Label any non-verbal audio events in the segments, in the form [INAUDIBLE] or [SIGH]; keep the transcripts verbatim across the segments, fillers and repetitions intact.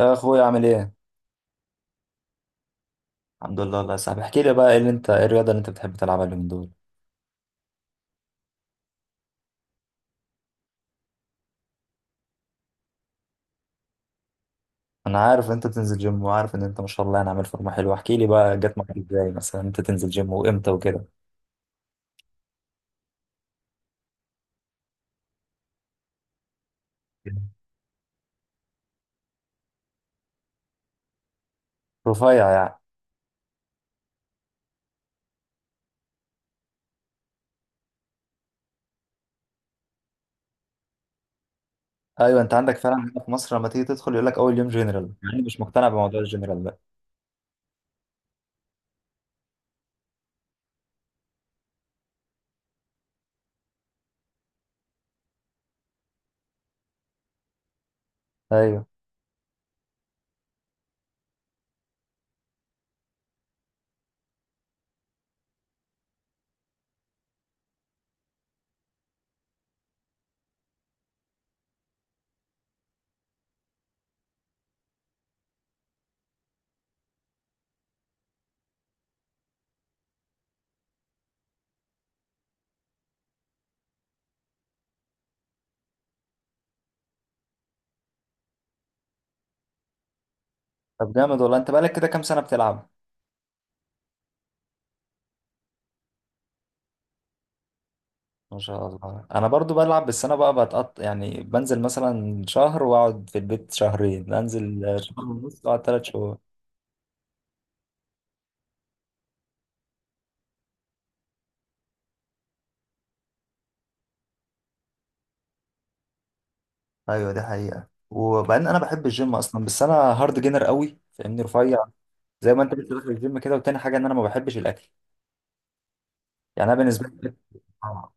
يا اخويا، عامل ايه؟ الحمد لله الله يا صاحبي، احكي لي بقى ايه اللي انت ايه الرياضه اللي انت بتحب تلعبها اليومين دول. انا عارف إن انت تنزل جيم، وعارف ان انت ما شاء الله يعني عامل فورمه حلوه. احكي لي بقى جت معاك ازاي مثلا انت تنزل جيم وامتى وكده. رفيع يعني؟ ايوه، انت عندك فعلا هنا في مصر لما تيجي تدخل يقول لك اول يوم جنرال، يعني مش مقتنع بموضوع الجنرال ده. ايوه. طب جامد والله، انت بقالك كده كام سنه بتلعب؟ ما شاء الله. انا برضو بلعب، بس انا بقى بتقط، يعني بنزل مثلا شهر واقعد في البيت شهرين، انزل شهر ونص واقعد ثلاث شهور. ايوه دي حقيقة. وبعدين انا بحب الجيم اصلا، بس انا هارد جينر قوي، فاهمني، رفيع. زي ما انت لسه داخل الجيم كده. وتاني حاجة ان انا ما بحبش الاكل. يعني انا بالنسبة لي الأكل حرام.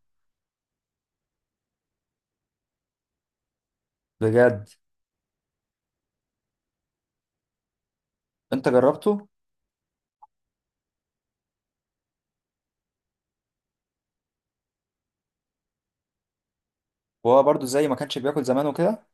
بجد؟ انت جربته؟ وهو برضو زي ما كانش بياكل زمان وكده؟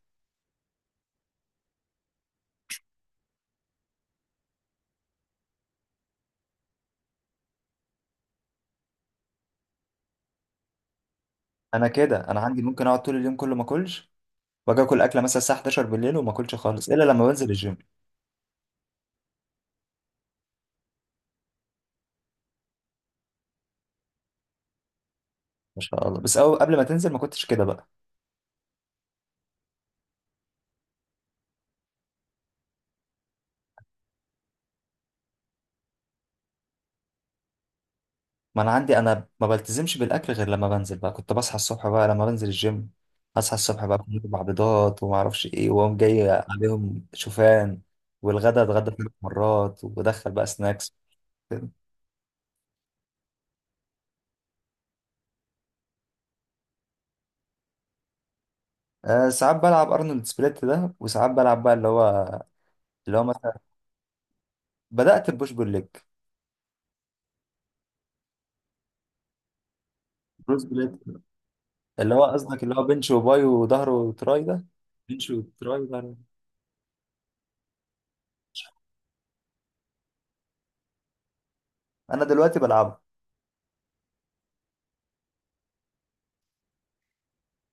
انا كده، انا عندي ممكن اقعد طول اليوم كله ما اكلش، واجي اكل اكله مثلا الساعه حداشر بالليل، وما اكلش خالص الا لما بنزل الجيم. ما شاء الله. بس أو قبل ما تنزل ما كنتش كده بقى؟ ما انا عندي، انا ما بلتزمش بالاكل غير لما بنزل بقى. كنت بصحى الصبح بقى لما بنزل الجيم، اصحى الصبح بقى كنت باكل بيضات وما اعرفش ايه، واقوم جاي عليهم شوفان، والغدا اتغدى ثلاث مرات، وبدخل بقى سناكس كده. أه، ساعات بلعب ارنولد سبليت ده، وساعات بلعب بقى اللي هو اللي هو مثلا. بدأت ببوش بول ليج. بروس بليت، اللي هو قصدك اللي هو بنش وباي وظهر وتراي ده؟ بنش وتراي ده. انا دلوقتي بلعبه.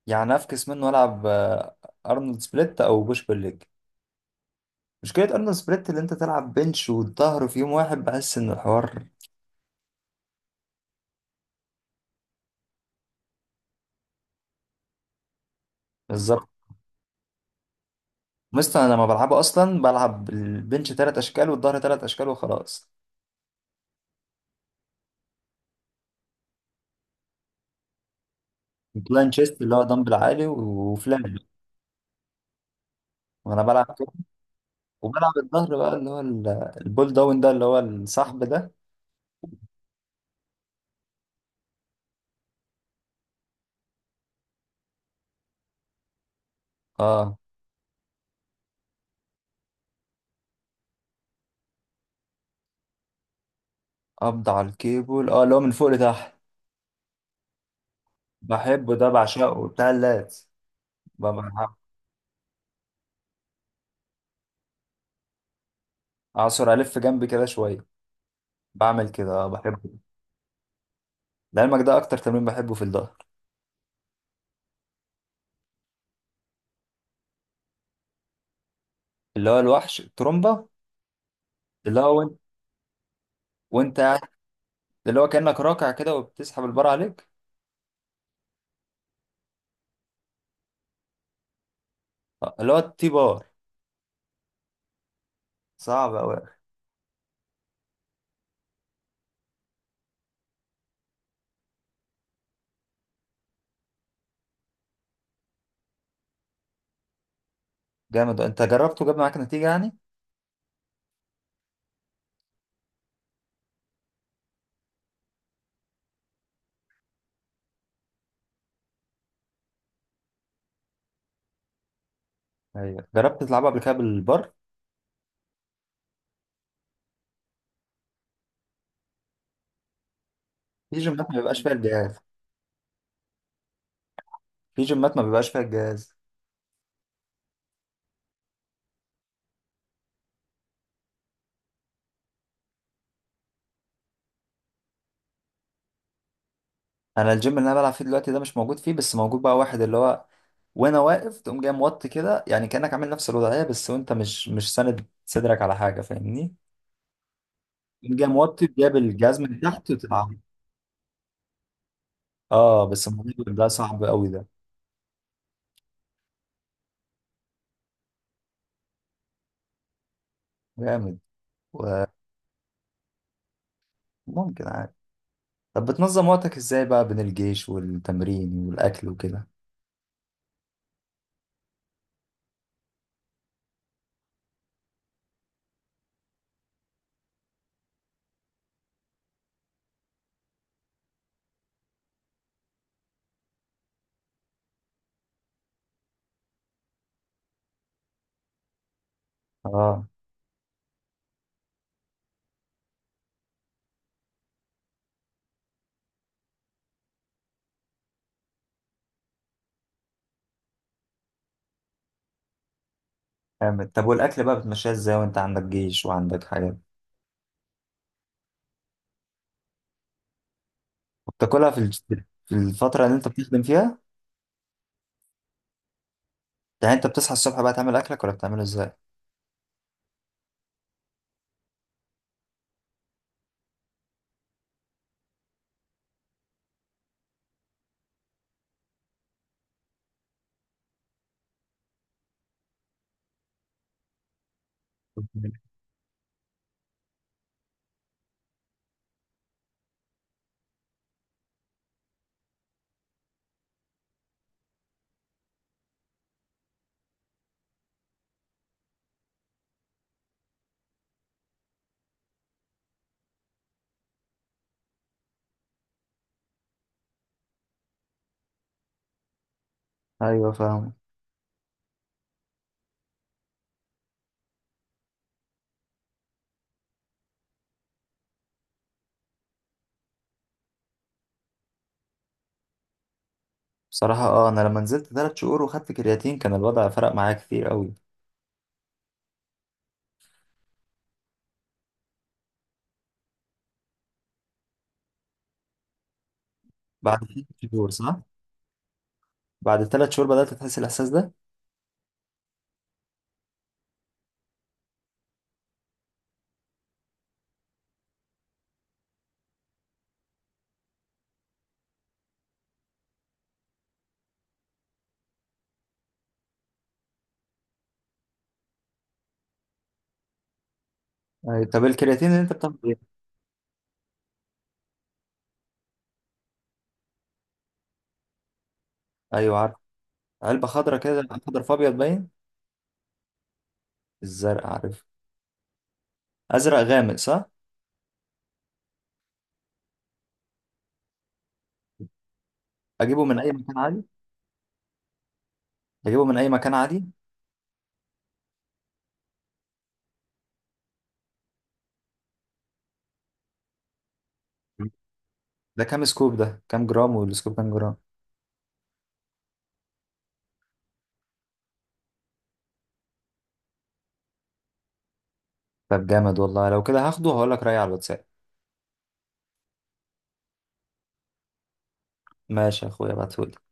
يعني افكس منه، العب آه، ارنولد سبليت او بوش بول ليج. مشكلة أرنولد سبريت اللي أنت تلعب بنش والظهر في يوم واحد، بحس إن الحوار. بالظبط. مثلا أنا لما بلعبه أصلا بلعب البنش تلات أشكال والظهر تلات أشكال وخلاص. بلان تشيست اللي هو دمبل عالي وفلان. وأنا بلعب كده. وبلعب الظهر بقى اللي هو ال- البول داون ده، اللي هو الصحب ده. أه، قبض على الكيبل، أه، اللي هو من فوق لتحت. بحبه ده، بعشقه، بتاع اللات. ببقى أعصر ألف جنبي كده شوية. بعمل كده، أه بحبه. لعلمك ده أكتر تمرين بحبه في الظهر. اللي هو الوحش، الترومبا. اللي هو وانت وانت قاعد- اللي هو كأنك راكع كده وبتسحب البار عليك. آه، اللي هو التي بار. صعب أوي. جامد، انت جربته جاب معاك نتيجة يعني؟ ايوه، جربت تلعبها قبل كده بالبار؟ في جيمات ما بيبقاش فيها الجهاز. في جيمات ما بيبقاش فيها الجهاز انا الجيم اللي انا بلعب فيه دلوقتي ده مش موجود فيه، بس موجود بقى واحد اللي هو وانا واقف تقوم جاي موطي كده، يعني كأنك عامل نفس الوضعية، بس وانت مش مش ساند صدرك على حاجة، فاهمني؟ تقوم جاي موطي جايب الجهاز من تحت وتلعب. اه، بس الموضوع ده صعب قوي ده. جامد. وممكن عادي. طب بتنظم وقتك ازاي بقى بين الجيش والتمرين والاكل وكده؟ اه. جامد. طب والاكل بقى بتمشيها ازاي وانت عندك جيش وعندك حاجات، وبتاكلها في الج- في الفتره اللي انت بتخدم فيها؟ يعني انت بتصحى الصبح بقى تعمل اكلك، ولا بتعمله ازاي؟ [LAUGHS] ايوه فاهم. بصراحه، اه انا لما نزلت ثلاث شهور وخدت كرياتين كان الوضع فرق معايا كتير قوي. بعد ثلاث شهور صح؟ بعد ثلاث شهور بدات تحس الاحساس ده. ايوه. طب الكرياتين اللي انت بتاخده ايه؟ ايوه عارف. علبه خضرا كده، خضرا في ابيض باين؟ الزرق عارف. ازرق غامق صح؟ اجيبه من اي مكان عادي؟ اجيبه من اي مكان عادي؟ مم. ده كام سكوب، ده كام جرام، والسكوب كام جرام؟ طب جامد والله، لو كده هاخده وهقول لك رأيي على الواتساب. ماشي يا اخويا، ابعتهولي.